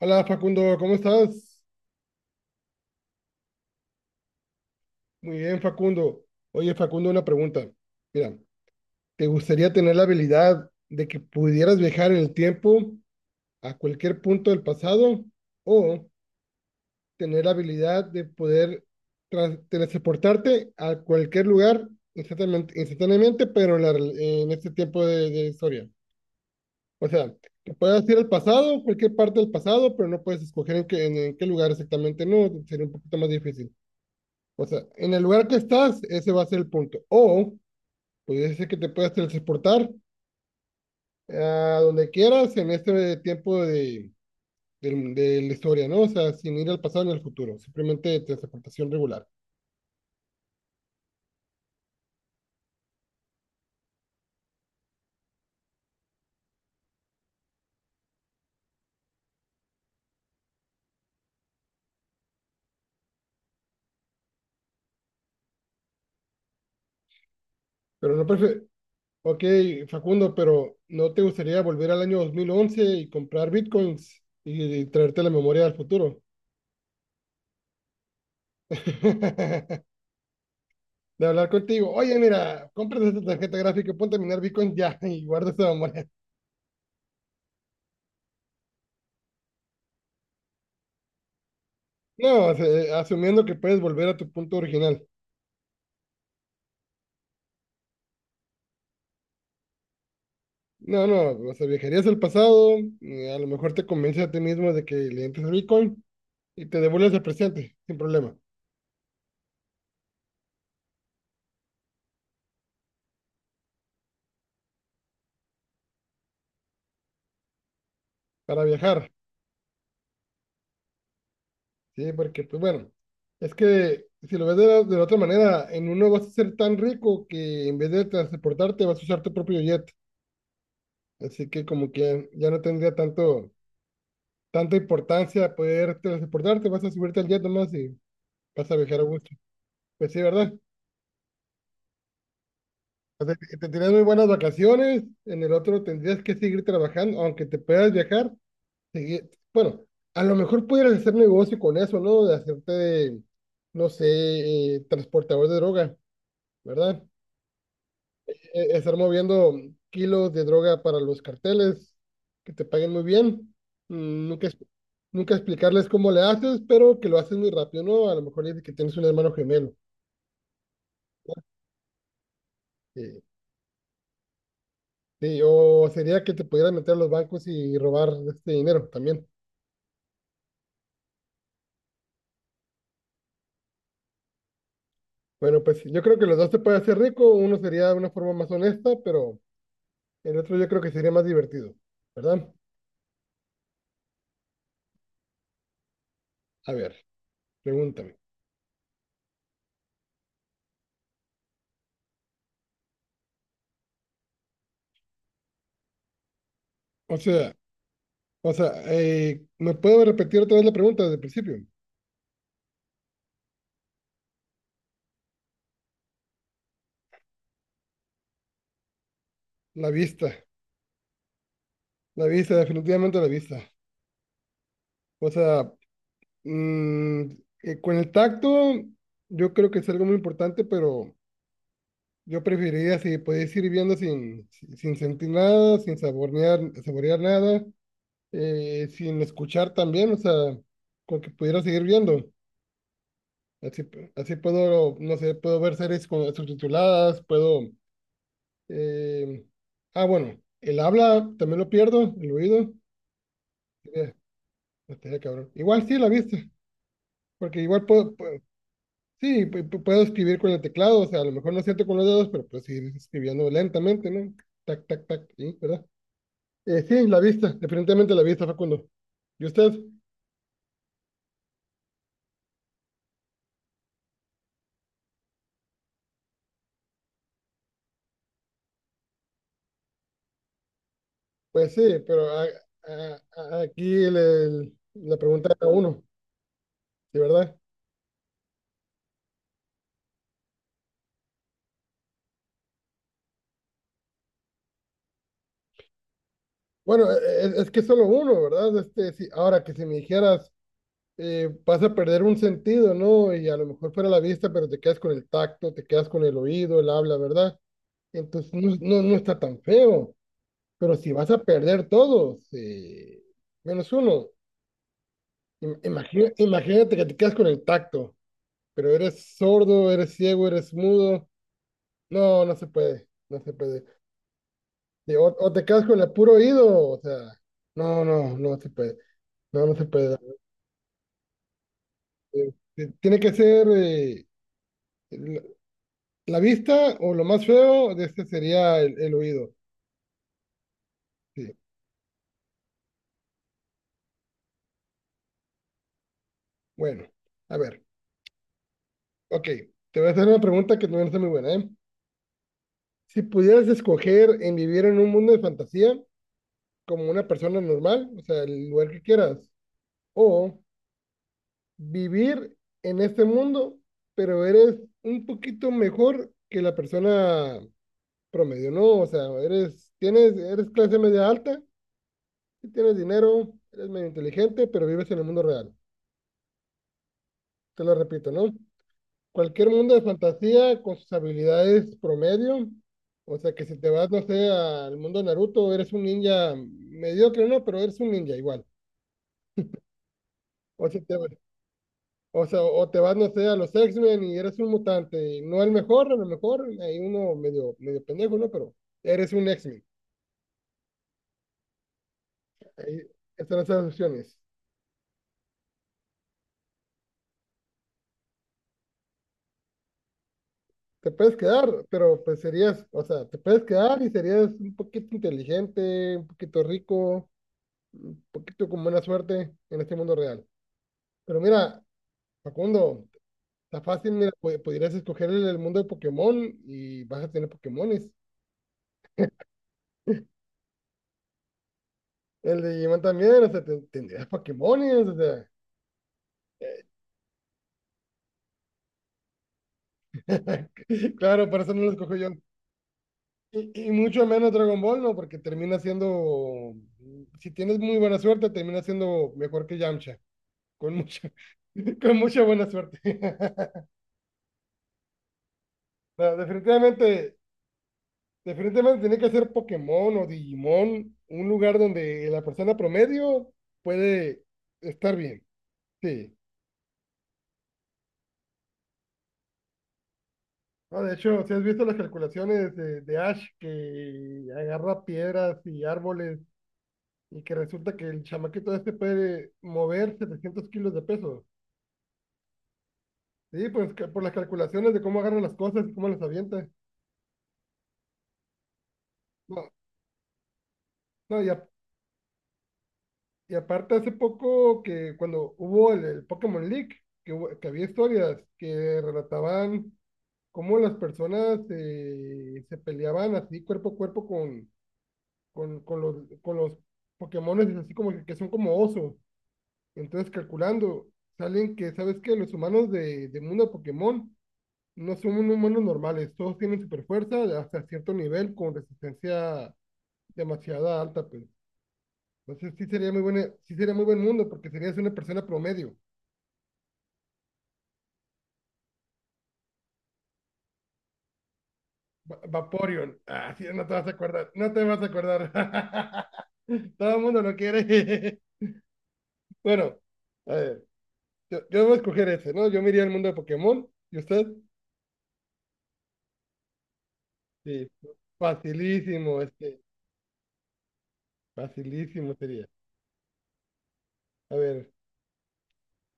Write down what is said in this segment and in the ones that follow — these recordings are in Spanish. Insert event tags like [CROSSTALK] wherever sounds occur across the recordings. Hola Facundo, ¿cómo estás? Muy bien, Facundo. Oye, Facundo, una pregunta. Mira, ¿te gustaría tener la habilidad de que pudieras viajar en el tiempo a cualquier punto del pasado o tener la habilidad de poder teletransportarte a cualquier lugar instantáneamente, instantáneamente, pero en este tiempo de historia? O sea, que puedas ir al pasado, cualquier parte del pasado, pero no puedes escoger en qué, en qué lugar exactamente, no, sería un poquito más difícil. O sea, en el lugar que estás, ese va a ser el punto. O pudiese ser que te puedas transportar a donde quieras en este tiempo de la historia, ¿no? O sea, sin ir al pasado ni al futuro, simplemente transportación regular. Pero no prefiero. Ok, Facundo, pero ¿no te gustaría volver al año 2011 y comprar bitcoins y traerte la memoria del futuro? [LAUGHS] De hablar contigo. Oye, mira, compras esta tarjeta gráfica, ponte a minar bitcoins ya [LAUGHS] y guarda esa memoria. No, o sea, asumiendo que puedes volver a tu punto original. No, o sea, viajarías al pasado, a lo mejor te convences a ti mismo de que le entres a Bitcoin y te devuelves al presente, sin problema, para viajar, ¿sí? Porque, pues bueno, es que si lo ves de la otra manera, en uno vas a ser tan rico que en vez de transportarte vas a usar tu propio jet, así que como que ya no tanta importancia poder transportarte, vas a subirte al jet nomás y vas a viajar a gusto. Pues sí, ¿verdad? O sea, que tendrías muy buenas vacaciones, en el otro tendrías que seguir trabajando, aunque te puedas viajar, bueno, a lo mejor pudieras hacer negocio con eso, ¿no? No sé, transportador de droga, ¿verdad? Estar moviendo kilos de droga para los carteles, que te paguen muy bien. Mm, nunca explicarles cómo le haces, pero que lo haces muy rápido, ¿no? A lo mejor dices que tienes un hermano gemelo. eh, Sí, o sería que te pudieras meter a los bancos y robar este dinero también. Bueno, pues yo creo que los dos se puede hacer rico. Uno sería de una forma más honesta, pero el otro yo creo que sería más divertido, ¿verdad? A ver, pregúntame. O sea, ¿Me puedo repetir otra vez la pregunta desde el principio? La vista, la vista, definitivamente la vista. O sea, mm, con el tacto yo creo que es algo muy importante, pero yo preferiría si podéis ir viendo sin sentir nada, sin saborear, saborear nada. Sin escuchar también, o sea, con que pudiera seguir viendo. Así, así puedo, no sé, puedo ver series con, subtituladas, eh, ah, bueno, el habla también lo pierdo, el oído. eh, estaría cabrón. Igual sí, la vista, porque igual sí, puedo escribir con el teclado, o sea, a lo mejor no siento con los dedos, pero puedo seguir escribiendo lentamente, ¿no? Tac, tac, tac, sí, ¿verdad? Sí, la vista, definitivamente la vista, Facundo. ¿Y usted? Pues sí, pero aquí le preguntan a uno, ¿sí, verdad? Bueno, es que solo uno, ¿verdad? Este, si ahora que si me dijeras, vas a perder un sentido, ¿no? Y a lo mejor fuera la vista, pero te quedas con el tacto, te quedas con el oído, el habla, ¿verdad? Entonces no, no está tan feo, pero si vas a perder todos, menos uno, imagínate que te quedas con el tacto, pero eres sordo, eres ciego, eres mudo, no se puede, no se puede. O te quedas con el puro oído, o sea, no, no se puede, no se puede. Eh, Tiene que ser la, la vista o lo más feo de este sería el oído. Sí, bueno, a ver, ok, te voy a hacer una pregunta que no es muy buena, ¿eh? Si pudieras escoger en vivir en un mundo de fantasía como una persona normal, o sea, el lugar que quieras, o vivir en este mundo, pero eres un poquito mejor que la persona promedio, no, o sea, eres clase media alta, sí tienes dinero, eres medio inteligente, pero vives en el mundo real. Te lo repito, ¿no? Cualquier mundo de fantasía con sus habilidades promedio, o sea, que si te vas, no sé, al mundo de Naruto, eres un ninja mediocre, ¿no? Pero eres un ninja igual. O si te vas, o sea, o te vas, no sé, a los X-Men y eres un mutante, y no el mejor, a lo mejor hay uno medio, medio pendejo, ¿no? Pero eres un X-Men. Ahí están las opciones. Te puedes quedar, pero pues serías, o sea, te puedes quedar y serías un poquito inteligente, un poquito rico, un poquito con buena suerte en este mundo real. Pero mira, Facundo, está fácil, mira, pudieras escoger el mundo de Pokémon y vas a tener Pokémones. El de Digimon también, o sea, tendrías Pokémones, o sea. [LAUGHS] Claro, por eso no lo escojo yo. Y mucho menos Dragon Ball, ¿no? Porque termina siendo, si tienes muy buena suerte, termina siendo mejor que Yamcha. Con mucha, [LAUGHS] con mucha buena suerte. [LAUGHS] No, definitivamente, definitivamente tiene que ser Pokémon o Digimon, un lugar donde la persona promedio puede estar bien. Sí. No, de hecho, si has visto las calculaciones de Ash que agarra piedras y árboles y que resulta que el chamaquito este puede mover 700 kilos de peso. Sí, pues que por las calculaciones de cómo agarra las cosas y cómo las avienta. No, no, y, Y aparte hace poco que cuando hubo el Pokémon League, que había historias que relataban cómo las personas se peleaban así cuerpo a cuerpo con con los Pokémones, así como que son como osos. Entonces calculando, salen que, ¿sabes qué? Los humanos de mundo Pokémon no son humanos normales, todos tienen super fuerza hasta cierto nivel con resistencia demasiada alta, pues. Entonces sí sería muy buena, sí sería muy buen mundo porque serías una persona promedio. Vaporeon. Ah, sí, no te vas a acordar. No te vas a acordar. [LAUGHS] Todo el mundo lo quiere. [LAUGHS] Bueno, a ver, yo voy a escoger ese, ¿no? Yo me iría al mundo de Pokémon. ¿Y usted? Sí, facilísimo, este, facilísimo sería. A ver,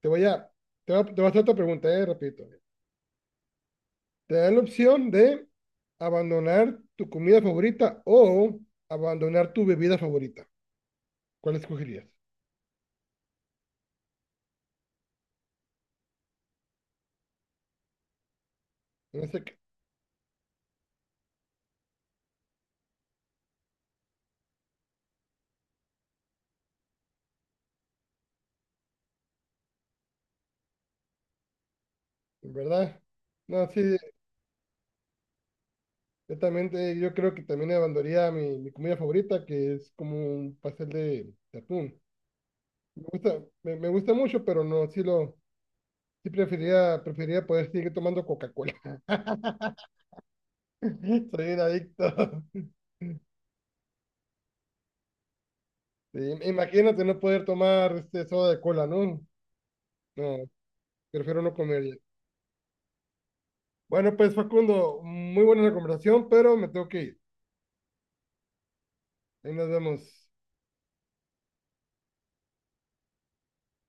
te voy a, te voy a hacer otra pregunta, repito. Te dan la opción de abandonar tu comida favorita o abandonar tu bebida favorita. ¿Cuál escogerías? No sé, qué- ¿Verdad? No, sí, yo también, yo creo que también abandonaría mi comida favorita, que es como un pastel de atún. Me gusta mucho, pero no, sí lo, sí preferiría, preferiría poder seguir tomando Coca-Cola. [LAUGHS] Soy un adicto. [LAUGHS] Sí, imagínate no poder tomar este soda de cola, ¿no? No, prefiero no comer ya. Bueno, pues Facundo, muy buena la conversación, pero me tengo que ir. Ahí nos vemos.